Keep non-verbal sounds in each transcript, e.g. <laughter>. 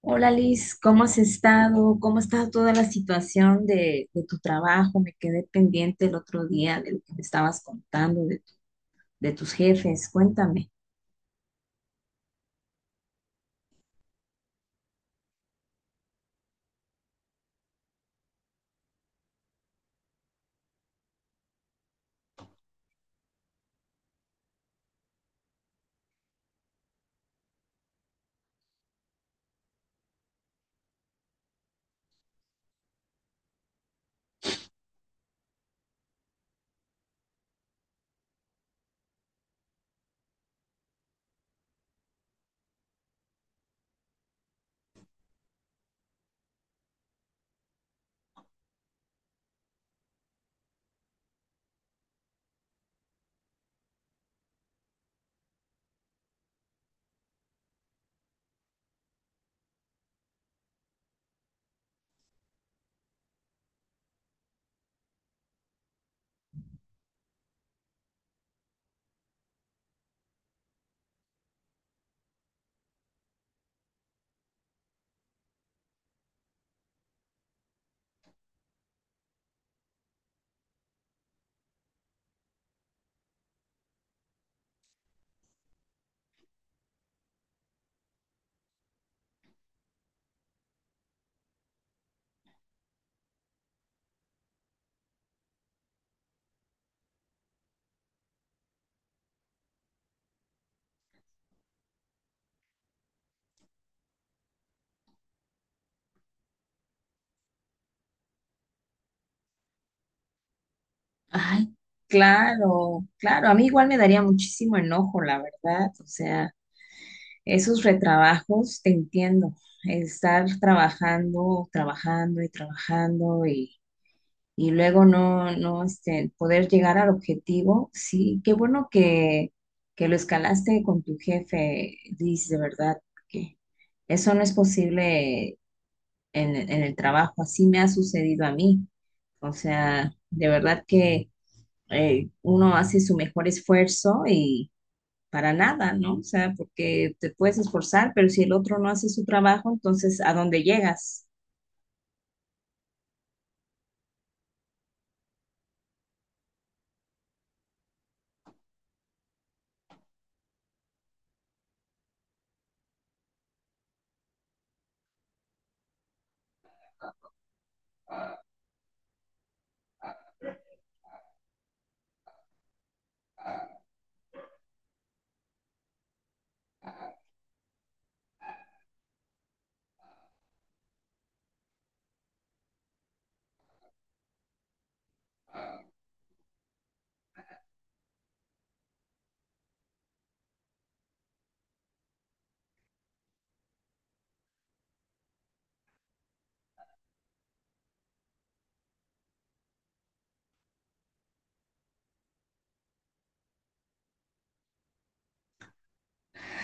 Hola Liz, ¿cómo has estado? ¿Cómo está toda la situación de tu trabajo? Me quedé pendiente el otro día de lo que me estabas contando de tus jefes. Cuéntame. Ay, claro, claro. A mí igual me daría muchísimo enojo, la verdad. O sea, esos retrabajos, te entiendo. Estar trabajando, trabajando y trabajando y luego no poder llegar al objetivo. Sí, qué bueno que lo escalaste con tu jefe, Liz, de verdad, que eso no es posible en el trabajo, así me ha sucedido a mí. O sea, de verdad que uno hace su mejor esfuerzo y para nada, ¿no? O sea, porque te puedes esforzar, pero si el otro no hace su trabajo, entonces ¿a dónde llegas?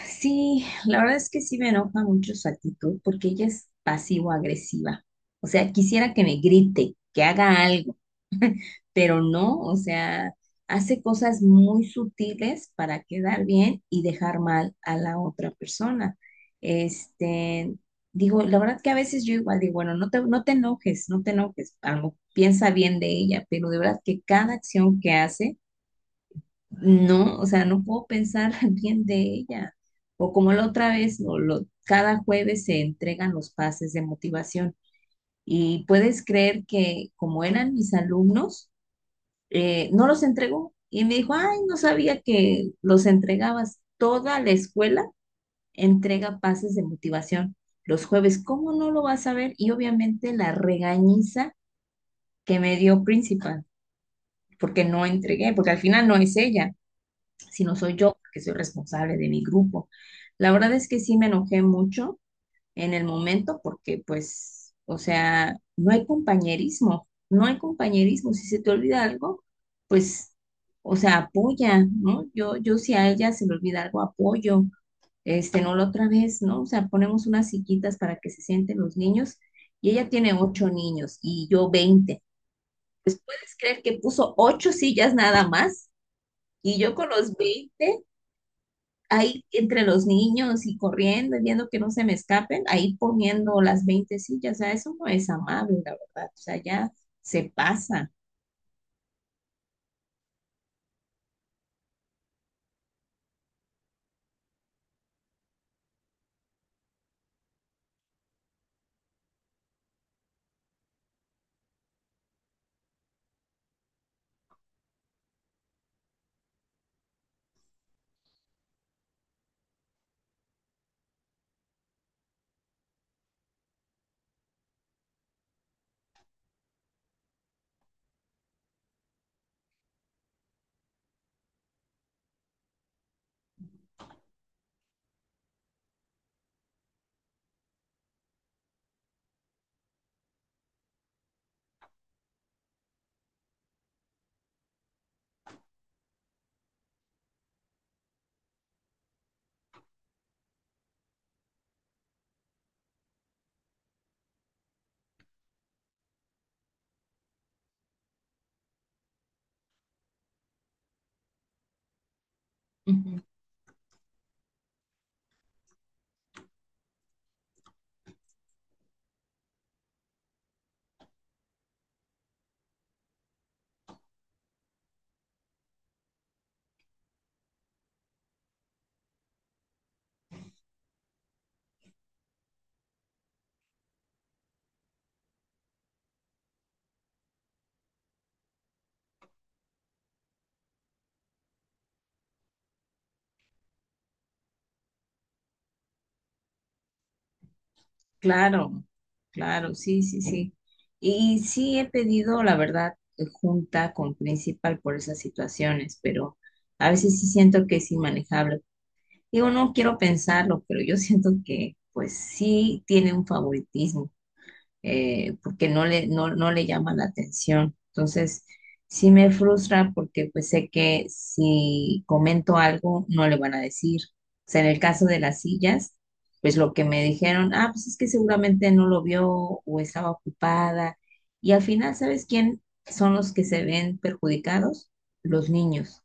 Sí, la verdad es que sí me enoja mucho su actitud porque ella es pasivo-agresiva. O sea, quisiera que me grite, que haga algo, pero no, o sea, hace cosas muy sutiles para quedar bien y dejar mal a la otra persona. Este, digo, la verdad que a veces yo igual digo, bueno, no te enojes, no te enojes, algo, piensa bien de ella, pero de verdad que cada acción que hace no, o sea, no puedo pensar <laughs> bien de ella. O como la otra vez, cada jueves se entregan los pases de motivación. Y puedes creer que como eran mis alumnos, no los entregó. Y me dijo, ay, no sabía que los entregabas. Toda la escuela entrega pases de motivación los jueves. ¿Cómo no lo vas a ver? Y obviamente la regañiza que me dio principal, porque no entregué, porque al final no es ella, si no soy yo, porque soy responsable de mi grupo. La verdad es que sí me enojé mucho en el momento porque pues, o sea, no hay compañerismo, no hay compañerismo. Si se te olvida algo, pues, o sea, apoya, ¿no? Yo si a ella se le olvida algo, apoyo. No la otra vez, ¿no? O sea, ponemos unas sillitas para que se sienten los niños y ella tiene ocho niños y yo 20. ¿Puedes creer que puso ocho sillas nada más? Y yo con los 20 ahí entre los niños y corriendo y viendo que no se me escapen, ahí poniendo las 20 sillas, o sea, eso no es amable, la verdad, o sea, ya se pasa. Ujú. Claro, claro, sí, sí, sí. Y sí he pedido, la verdad, junta con principal por esas situaciones, pero a veces sí siento que es inmanejable. Digo, no quiero pensarlo, pero yo siento que pues sí tiene un favoritismo, porque no le llama la atención. Entonces, sí me frustra porque pues sé que si comento algo, no le van a decir. O sea, en el caso de las sillas, pues lo que me dijeron, ah, pues es que seguramente no lo vio o estaba ocupada. Y al final, ¿sabes quién son los que se ven perjudicados? Los niños.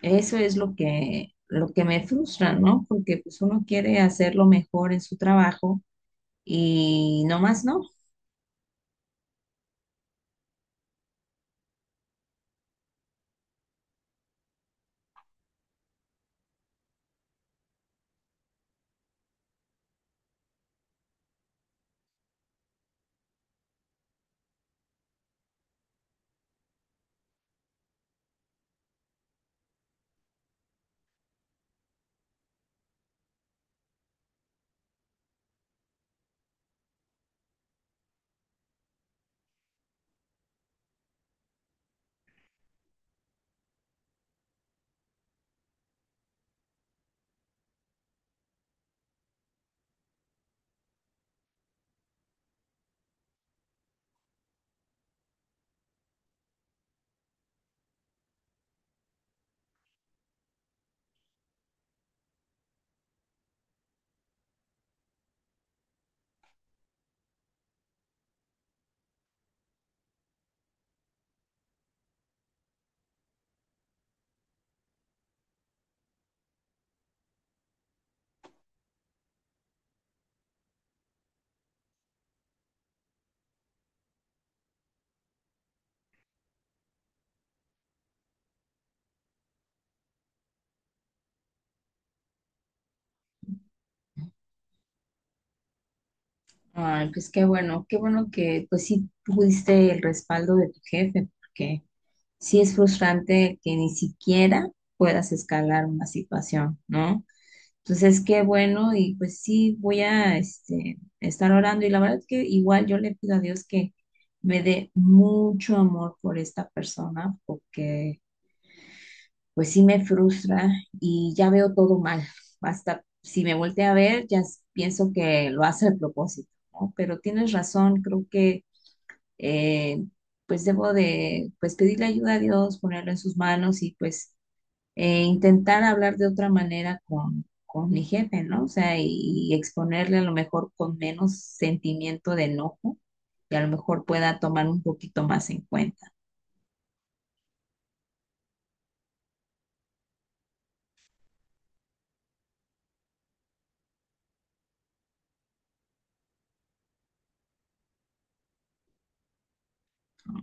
Eso es lo que me frustra, ¿no? Porque pues uno quiere hacerlo mejor en su trabajo y no más, ¿no? Ay, pues qué bueno que pues sí tuviste el respaldo de tu jefe, porque sí es frustrante que ni siquiera puedas escalar una situación, ¿no? Entonces, qué bueno y pues sí voy a estar orando y la verdad es que igual yo le pido a Dios que me dé mucho amor por esta persona, porque pues sí me frustra y ya veo todo mal. Hasta si me voltea a ver, ya pienso que lo hace a propósito, ¿no? Pero tienes razón, creo que eh, pues debo de pues pedirle ayuda a Dios, ponerlo en sus manos y pues intentar hablar de otra manera con mi jefe, ¿no? O sea, y exponerle a lo mejor con menos sentimiento de enojo y a lo mejor pueda tomar un poquito más en cuenta.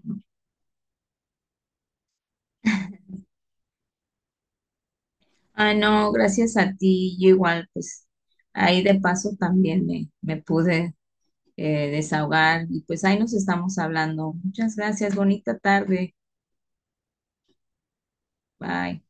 ¿No? Ah, no, gracias a ti, yo igual, pues ahí de paso también me pude desahogar y pues ahí nos estamos hablando. Muchas gracias, bonita tarde. Bye.